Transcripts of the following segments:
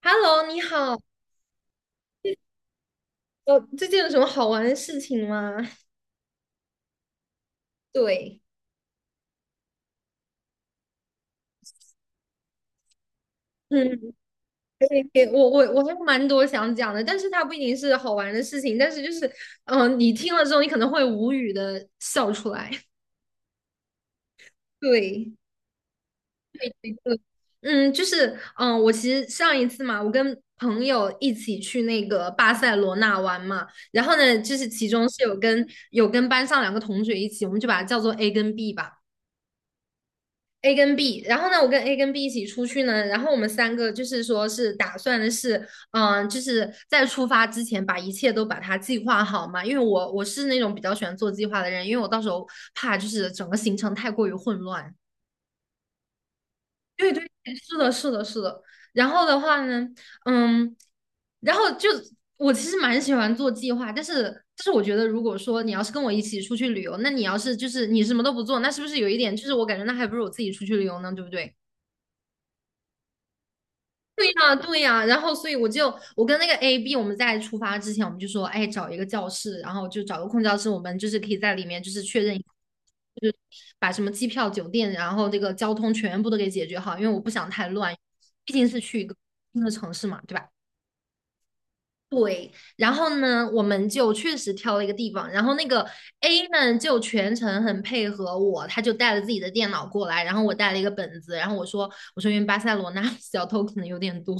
Hello，你好，最近有什么好玩的事情吗？对。嗯，可以可以，我还有蛮多想讲的，但是它不一定是好玩的事情，但是就是，你听了之后，你可能会无语的笑出来。对。对，就是，我其实上一次嘛，我跟朋友一起去那个巴塞罗那玩嘛，然后呢，就是其中是有跟班上两个同学一起，我们就把它叫做 A 跟 B 吧。A 跟 B，然后呢，我跟 A 跟 B 一起出去呢，然后我们三个就是说是打算的是，就是在出发之前把一切都把它计划好嘛，因为我是那种比较喜欢做计划的人，因为我到时候怕就是整个行程太过于混乱。对对，是的，是的，是的。然后的话呢，嗯，然后就我其实蛮喜欢做计划，但是我觉得如果说你要是跟我一起出去旅游，那你要是就是你什么都不做，那是不是有一点就是我感觉那还不如我自己出去旅游呢，对不对？对呀，对呀，然后所以我跟那个 A B，我们在出发之前，我们就说，哎，找一个教室，然后就找个空教室，我们就是可以在里面就是确认一下就是把什么机票、酒店，然后这个交通全部都给解决好，因为我不想太乱，毕竟是去一个新的城市嘛，对吧？然后呢，我们就确实挑了一个地方，然后那个 A 呢就全程很配合我，他就带了自己的电脑过来，然后我带了一个本子，然后我说因为巴塞罗那 小偷可能有点多。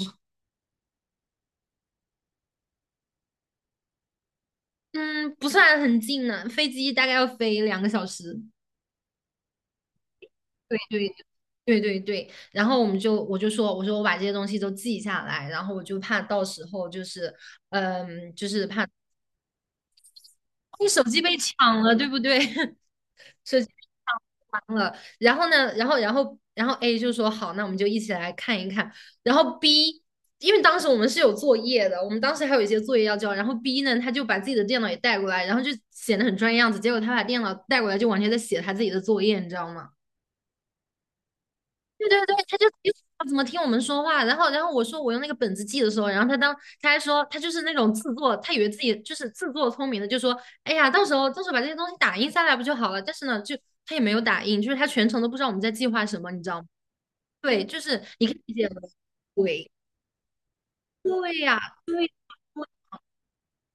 嗯，不算很近呢，飞机大概要飞两个小时。对对对对对，然后我说我把这些东西都记下来，然后我就怕到时候就是就是怕你手机被抢了，对不对？手机抢了，然后呢，然后 A 就说好，那我们就一起来看一看。然后 B，因为当时我们是有作业的，我们当时还有一些作业要交。然后 B 呢，他就把自己的电脑也带过来，然后就显得很专业样子。结果他把电脑带过来，就完全在写他自己的作业，你知道吗？对对对，他怎么听我们说话，然后我说我用那个本子记的时候，然后他还说他就是那种自作，他以为自己就是自作聪明的，就说哎呀，到时候把这些东西打印下来不就好了？但是呢，就他也没有打印，就是他全程都不知道我们在计划什么，你知道吗？对，就是你可以理解为鬼。对呀、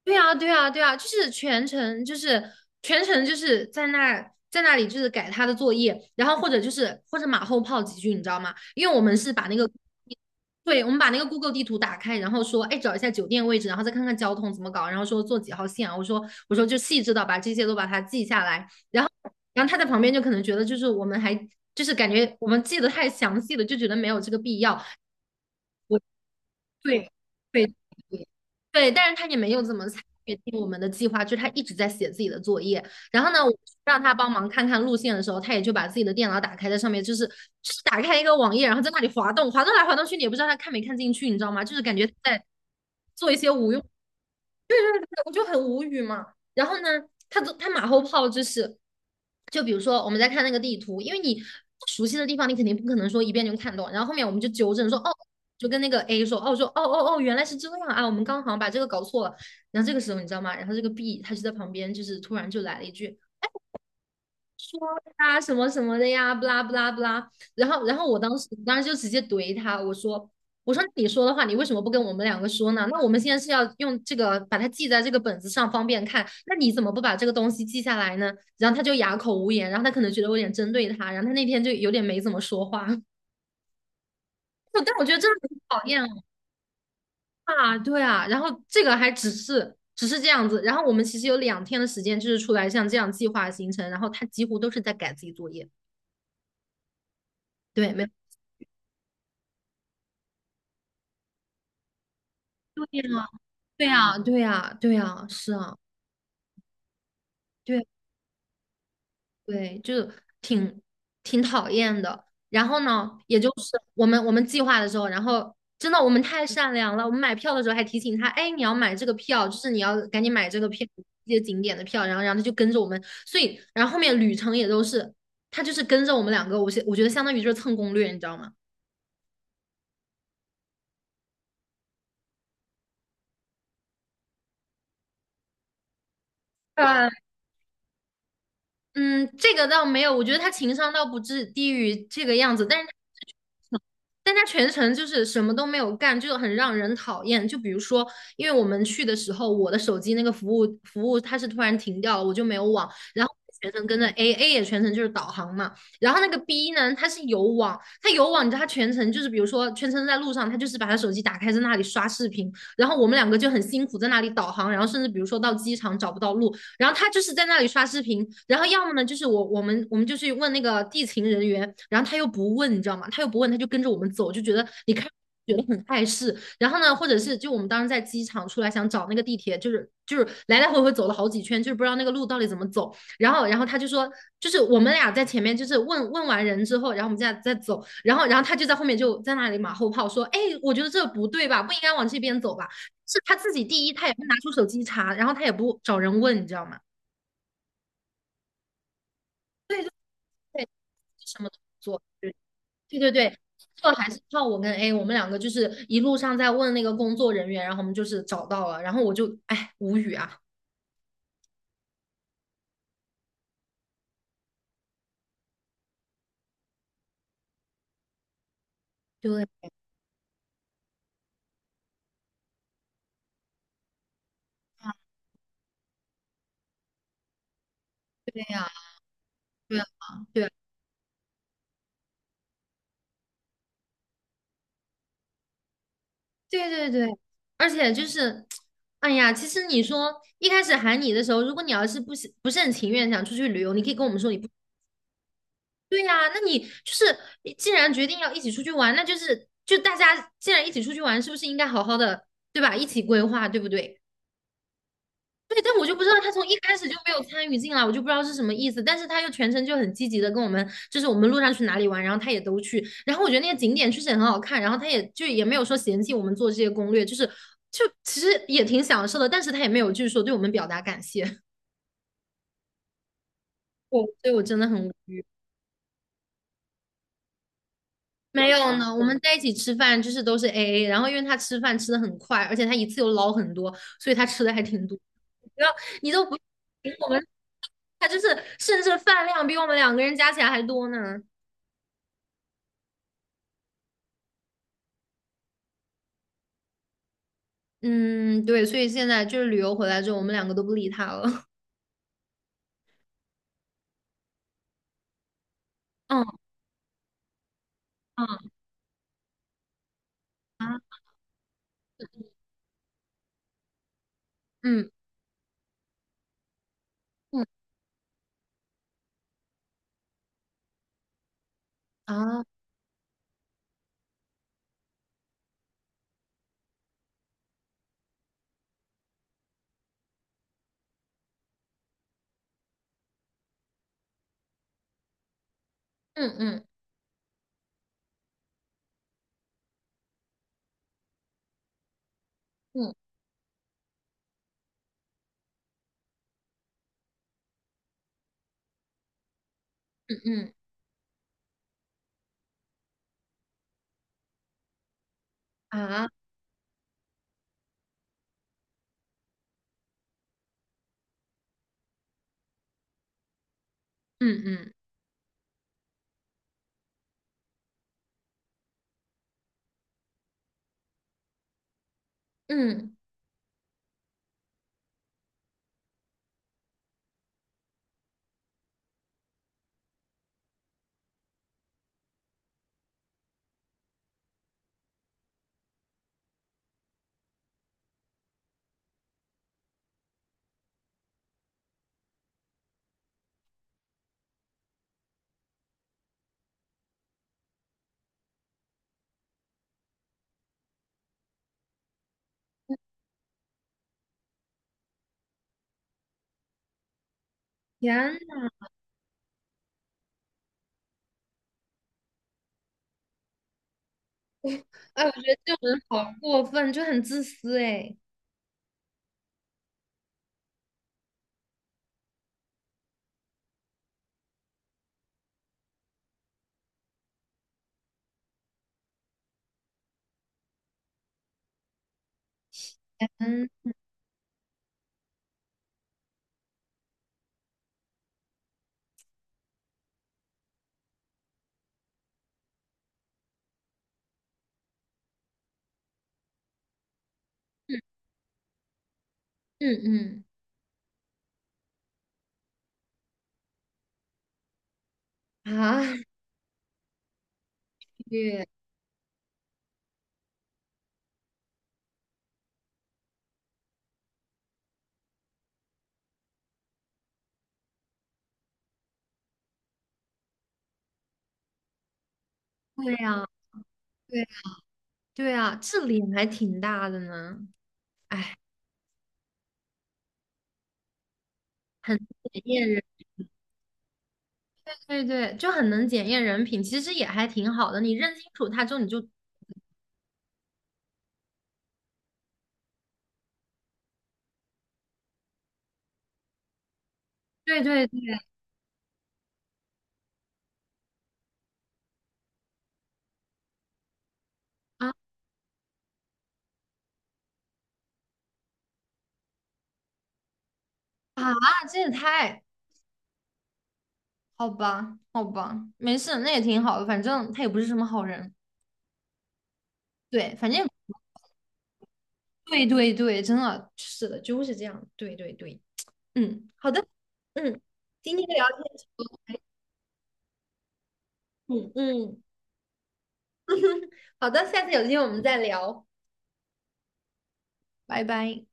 对啊，对啊，对啊，就是全程，就是全程，就是在那里，就是改他的作业，然后或者就是或者马后炮几句，你知道吗？因为我们是把那个，对，我们把那个 Google 地图打开，然后说，哎，找一下酒店位置，然后再看看交通怎么搞，然后说坐几号线啊？我说就细致的把这些都把它记下来，然后他在旁边就可能觉得就是我们还就是感觉我们记得太详细了，就觉得没有这个必要。对对对，对，但是他也没有怎么参与进我们的计划，就是他一直在写自己的作业。然后呢，我让他帮忙看看路线的时候，他也就把自己的电脑打开，在上面就是就是打开一个网页，然后在那里滑动，滑动来滑动去，你也不知道他看没看进去，你知道吗？就是感觉在做一些无用。我就很无语嘛。然后呢，他他马后炮就是，就比如说我们在看那个地图，因为你不熟悉的地方，你肯定不可能说一遍就看懂。然后后面我们就纠正说，哦，就跟那个 A 说，哦，说哦哦哦，原来是这样啊，我们刚好像把这个搞错了。然后这个时候你知道吗？然后这个 B 他就在旁边，就是突然就来了一句，啊什么什么的呀，不啦不啦不啦。然后，然后我当时就直接怼他，我说你说的话，你为什么不跟我们两个说呢？那我们现在是要用这个把它记在这个本子上，方便看。那你怎么不把这个东西记下来呢？然后他就哑口无言，然后他可能觉得我有点针对他，然后他那天就有点没怎么说话。但我觉得真的很讨厌哦。啊，对啊。然后这个还只是这样子，然后我们其实有两天的时间，就是出来像这样计划行程，然后他几乎都是在改自己作业。对，没。对呀，对呀，对呀，是啊，对对，就是挺挺讨厌的。然后呢，也就是我们计划的时候，然后真的我们太善良了，我们买票的时候还提醒他，哎，你要买这个票，就是你要赶紧买这个票，这些景点的票。然后，然后他就跟着我们，所以然后后面旅程也都是他就是跟着我们两个，我是我觉得相当于就是蹭攻略，你知道吗？对，嗯，这个倒没有，我觉得他情商倒不至低于这个样子，但是但他全程就是什么都没有干，就很让人讨厌。就比如说，因为我们去的时候，我的手机那个服务它是突然停掉了，我就没有网，然后全程跟着 A，A 也全程就是导航嘛。然后那个 B 呢，它有网，你知道它全程就是，比如说全程在路上，他就是把他手机打开在那里刷视频，然后我们两个就很辛苦在那里导航，然后甚至比如说到机场找不到路，然后他就是在那里刷视频，然后要么呢就是我们就去问那个地勤人员，然后他又不问，你知道吗？他又不问，他就跟着我们走，就觉得你看觉得很碍事。然后呢，或者是就我们当时在机场出来想找那个地铁，就是就是来来回回走了好几圈，就是不知道那个路到底怎么走。然后他就说，就是我们俩在前面就是问问完人之后，然后我们再走，然后他就在后面就在那里马后炮说，哎，我觉得这不对吧，不应该往这边走吧。是他自己第一，他也不拿出手机查，然后他也不找人问，你知道吗？对对对，什么都不做，对对对对，这还是靠我跟 A，我们两个就是一路上在问那个工作人员，然后我们就是找到了，然后我就哎无语啊，对对呀、对呀、对啊对对对，而且就是，哎呀，其实你说一开始喊你的时候，如果你要是不是很情愿想出去旅游，你可以跟我们说你不对呀、那你就是你既然决定要一起出去玩，那就是大家既然一起出去玩，是不是应该好好的对吧？一起规划，对不对？对，但我就不知道他从一开始就没有参与进来，我就不知道是什么意思。但是他又全程就很积极的跟我们，就是我们路上去哪里玩，然后他也都去。然后我觉得那个景点确实也很好看，然后他也就也没有说嫌弃我们做这些攻略，就是就其实也挺享受的。但是他也没有就是说对我们表达感谢，我所以我真的很无语。没有呢，我们在一起吃饭就是都是 AA，然后因为他吃饭吃的很快，而且他一次又捞很多，所以他吃的还挺多。然后你都不。我们他就是甚至饭量比我们两个人加起来还多呢。嗯，对，所以现在就是旅游回来之后，我们两个都不理他了。嗯啊，嗯嗯啊，嗯嗯嗯嗯嗯啊，嗯嗯嗯，天，哎，我觉得这种人好过分，就很自私哎。嗯嗯嗯啊，对对呀，对对啊，这脸还挺大的呢。哎，很检验人，对对，就很能检验人品，其实也还挺好的。你认清楚他之后，你就对对对啊啊！这也太好吧，好吧，没事，那也挺好的，反正他也不是什么好人。对，反正对对对，真的是的，就是这样。对对对，嗯，好的，嗯，今天的聊天就，哎嗯嗯，好的，下次有机会我们再聊，拜拜。